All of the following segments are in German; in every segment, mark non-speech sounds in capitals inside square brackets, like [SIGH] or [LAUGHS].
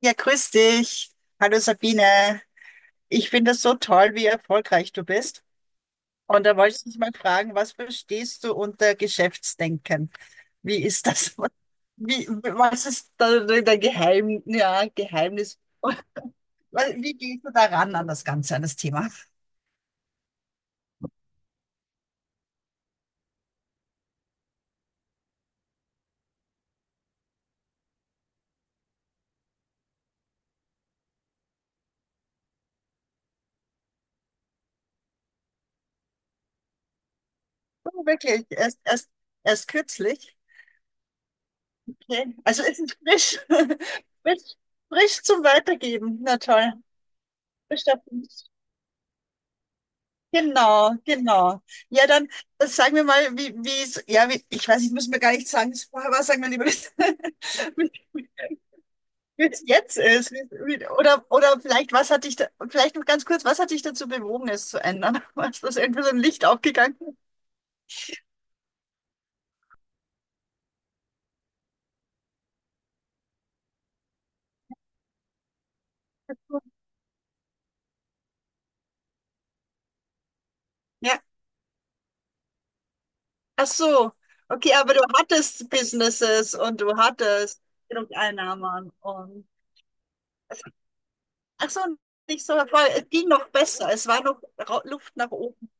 Ja, grüß dich. Hallo Sabine. Ich finde es so toll, wie erfolgreich du bist. Und da wollte ich dich mal fragen, was verstehst du unter Geschäftsdenken? Wie ist das? [LAUGHS] Wie, was ist da dein Geheimnis? Weil, wie gehst du daran, an das Ganze, an das Thema? Oh, wirklich, erst kürzlich. Okay. Also es ist frisch, [LAUGHS] frisch, frisch zum Weitergeben. Na toll. Bestimmt. Genau. Ja, dann sagen wir mal, wie, ich weiß, ich muss mir gar nicht sagen, was vorher war, sagen wir lieber, [LAUGHS] wie wie es jetzt ist. Oder vielleicht, was hat dich da, vielleicht noch ganz kurz, was hat dich dazu bewogen, es zu ändern? [LAUGHS] Was, das irgendwie so ein Licht aufgegangen? Ja, ach so. Okay, aber du hattest Businesses und du hattest genug Einnahmen und, also, ach so, nicht so, voll, es ging noch besser. Es war noch Luft nach oben.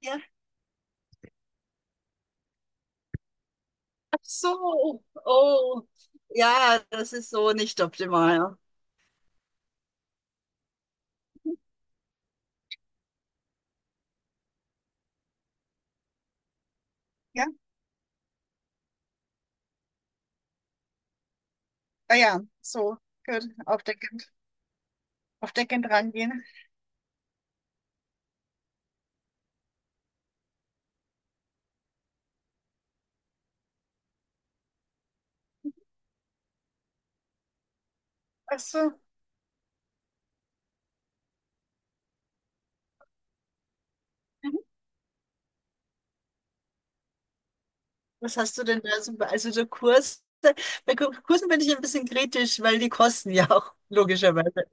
Ja. So, oh, ja, das ist so nicht optimal. Ja, ah ja, so, gut, aufdeckend rangehen. Ach so. Mhm. Was hast du denn da so, also so Kurse? Bei Kursen bin ich ein bisschen kritisch, weil die kosten ja auch [LAUGHS] logischerweise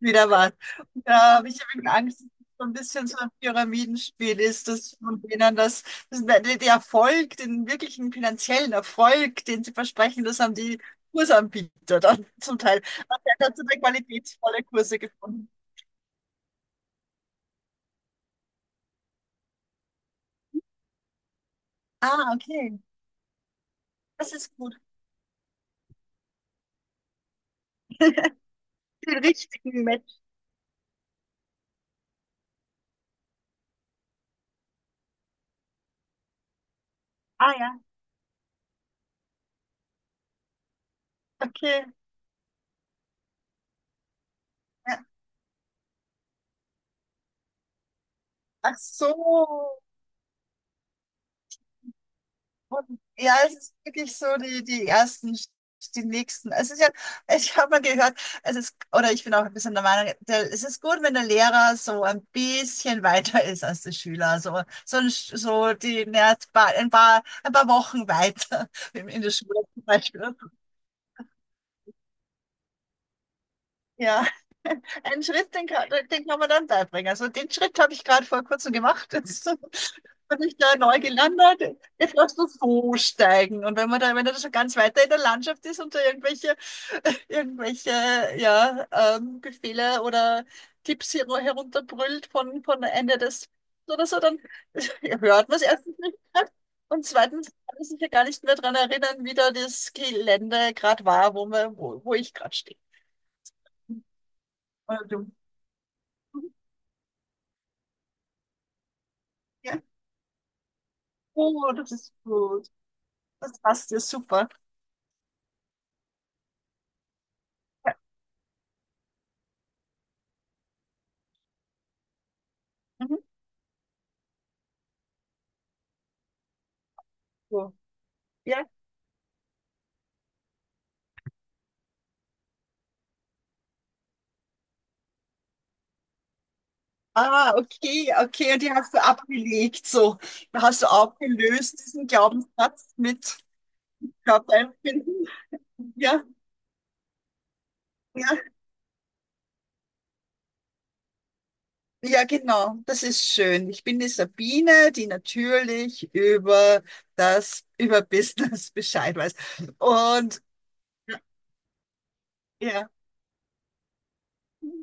wieder was. Und da habe ich irgendwie Angst, dass es so ein bisschen so ein Pyramidenspiel ist, dass von denen das, das der Erfolg, den wirklichen finanziellen Erfolg, den sie versprechen, das haben die Kursanbieter dann [LAUGHS] zum Teil. Also er hat so eine qualitätsvolle Kurse gefunden. Ah, okay. Das ist gut. Den richtigen Match. Ah ja, okay. Ja. Ach so. Und ja, es ist wirklich so die nächsten. Es ist ja, ich habe mal gehört, es ist, oder ich bin auch ein bisschen der Meinung, es ist gut, wenn der Lehrer so ein bisschen weiter ist als der Schüler. So, so, ein, so die, ne, ein paar Wochen weiter [LAUGHS] in der Schule zum Beispiel. Ja, [LAUGHS] einen Schritt, den kann man dann beibringen. Also den Schritt habe ich gerade vor kurzem gemacht. Jetzt [LAUGHS] bin ich da neu gelandet. Jetzt lass du so steigen. Und wenn man da, wenn er da schon ganz weiter in der Landschaft ist und da irgendwelche, [LAUGHS] irgendwelche, ja, Befehle oder Tipps hier nur herunterbrüllt von Ende des oder so, dann [LAUGHS] hört man es erstens nicht mehr. Und zweitens kann ich mich ja gar nicht mehr daran erinnern, wie da das Gelände gerade war, wo ich gerade stehe. Oder ja. Oh, das ist gut. Das passt ja super. Ja. Mhm. So. Ja. Ah, okay, die hast du abgelegt. So, da hast du aufgelöst diesen Glaubenssatz mit Körperempfinden. Ja, ja, ja, genau. Das ist schön. Ich bin die Sabine, die natürlich über das, über Business [LAUGHS] Bescheid weiß. Und ja, ja.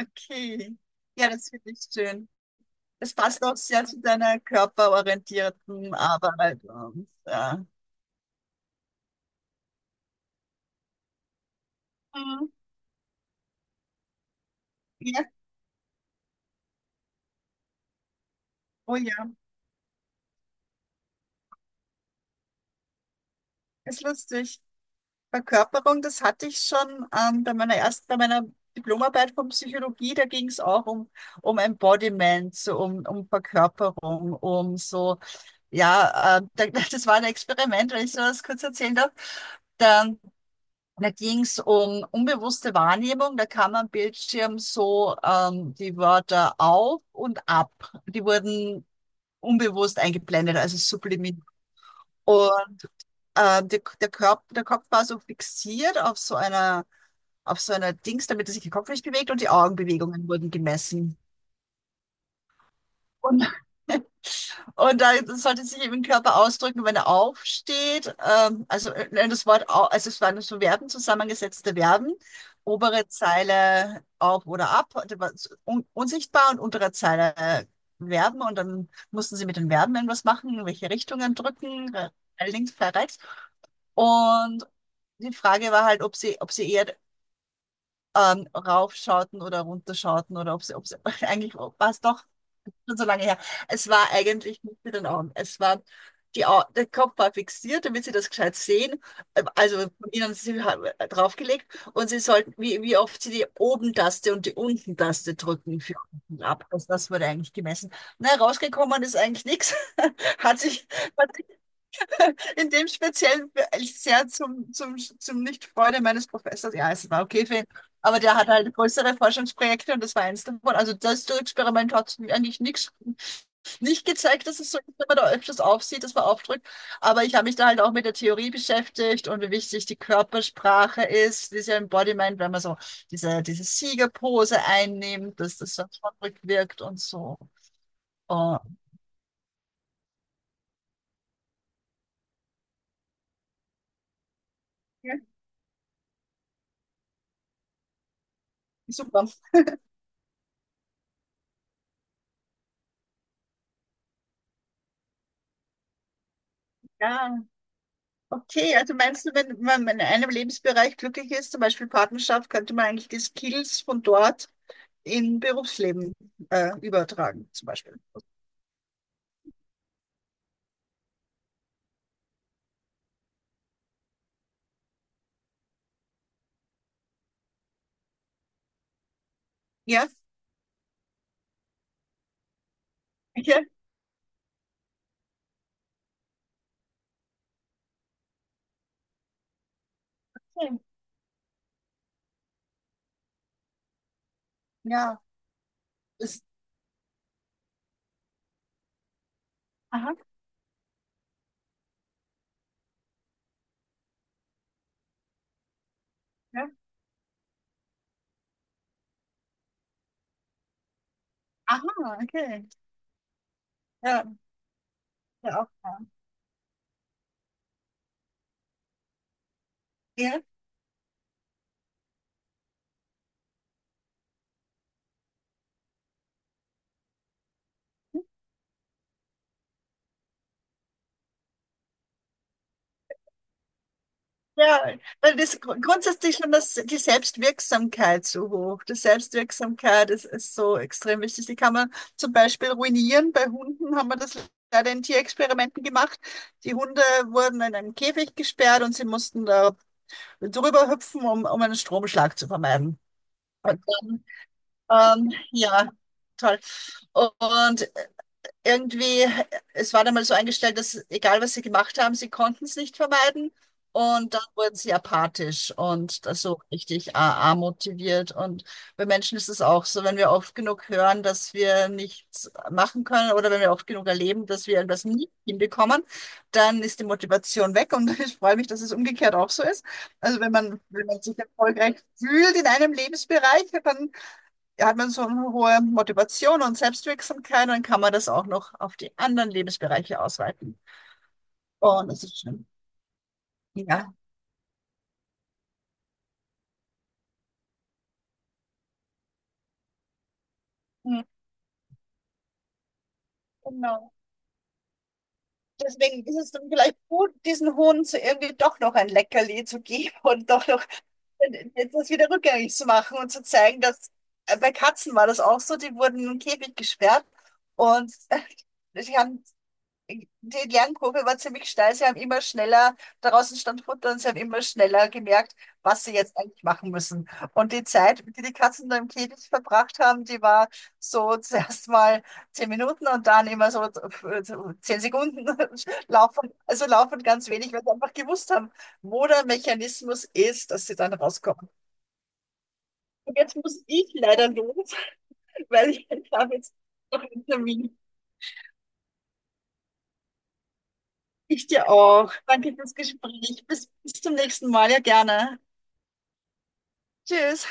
Okay. Ja, das finde ich schön. Es passt auch sehr zu deiner körperorientierten Arbeit und ja. Mhm. Ja, oh ja, ist lustig. Verkörperung, das hatte ich schon bei meiner ersten, bei meiner Diplomarbeit von Psychologie, da ging es auch um Embodiment, so um Verkörperung, um so, ja, [LAUGHS] das war ein Experiment, wenn ich so was kurz erzählen darf. Da Da ging es um unbewusste Wahrnehmung. Da kam am Bildschirm so die Wörter auf und ab. Die wurden unbewusst eingeblendet, also sublimiert. Und der Körper, der Kopf war so fixiert auf so einer Dings, damit er sich der Kopf nicht bewegt, und die Augenbewegungen wurden gemessen. Und Und da sollte sich eben im Körper ausdrücken, wenn er aufsteht. Das Wort, also es waren so Verben, zusammengesetzte Verben. Obere Zeile auf oder ab, das war so un unsichtbar, und untere Zeile Verben. Und dann mussten sie mit den Verben irgendwas machen, in welche Richtungen drücken, links, frei, rechts. Und die Frage war halt, ob sie eher raufschauten oder runterschauten oder ob sie [LAUGHS] eigentlich war es doch schon so lange her. Es war eigentlich nicht mit den Augen. Es war, die Au der Kopf war fixiert, damit sie das gescheit sehen. Also von ihnen haben sie draufgelegt und sie sollten, wie oft sie die Oben-Taste und die Unten-Taste drücken für unten ab. Das wurde eigentlich gemessen. Na, rausgekommen ist eigentlich nichts. [LAUGHS] Hat sich, in dem speziellen sehr zum, zum nicht Freude meines Professors. Ja, es war okay für ihn. Aber der hat halt größere Forschungsprojekte und das war eins davon. Also das Experiment hat eigentlich nicht gezeigt, dass es so ist, wenn man da öfters aufsieht, dass man aufdrückt. Aber ich habe mich da halt auch mit der Theorie beschäftigt, und wie wichtig die Körpersprache ist, diese Embodiment, wenn man so diese Siegerpose einnimmt, dass das dann schon rückwirkt und so. Oh. Ja, super. Ja. Okay, also meinst du, wenn man in einem Lebensbereich glücklich ist, zum Beispiel Partnerschaft, könnte man eigentlich die Skills von dort in Berufsleben übertragen, zum Beispiel? Ja, ja, ja. Das, aha, ja. Aha, okay. Ja, ja, auch. Ja. Ja, weil das grundsätzlich schon das, die Selbstwirksamkeit so hoch. Die Selbstwirksamkeit ist, ist so extrem wichtig. Die kann man zum Beispiel ruinieren. Bei Hunden haben wir das leider in Tierexperimenten gemacht. Die Hunde wurden in einem Käfig gesperrt und sie mussten da drüber hüpfen, um einen Stromschlag zu vermeiden. Und dann, ja, toll. Und irgendwie, es war dann mal so eingestellt, dass egal was sie gemacht haben, sie konnten es nicht vermeiden. Und dann wurden sie apathisch und das so richtig amotiviert. Und bei Menschen ist es auch so, wenn wir oft genug hören, dass wir nichts machen können, oder wenn wir oft genug erleben, dass wir irgendwas nie hinbekommen, dann ist die Motivation weg. Und [LAUGHS] ich freue mich, dass es umgekehrt auch so ist. Also wenn man, wenn man sich erfolgreich fühlt in einem Lebensbereich, dann hat man so eine hohe Motivation und Selbstwirksamkeit, dann kann man das auch noch auf die anderen Lebensbereiche ausweiten. Und das ist schön. Ja. Mhm, genau. Deswegen ist es dann vielleicht gut, diesen Hunden so irgendwie doch noch ein Leckerli zu geben [LAUGHS] und doch noch das wieder rückgängig zu machen und zu zeigen, dass bei Katzen war das auch so, die wurden in den Käfig gesperrt und [LAUGHS] die haben die Lernkurve war ziemlich steil. Sie haben immer schneller, draußen stand Futter, und sie haben immer schneller gemerkt, was sie jetzt eigentlich machen müssen. Und die Zeit, die die Katzen da im Käfig verbracht haben, die war so [LAUGHS] zuerst mal 10 Minuten und dann immer so so 10 Sekunden [LAUGHS] laufen, also laufen ganz wenig, weil sie einfach gewusst haben, wo der Mechanismus ist, dass sie dann rauskommen. Und jetzt muss ich leider los, [LAUGHS] weil ich habe jetzt noch einen Termin. Ich dir auch. Danke fürs Gespräch. Bis zum nächsten Mal. Ja, gerne. Tschüss.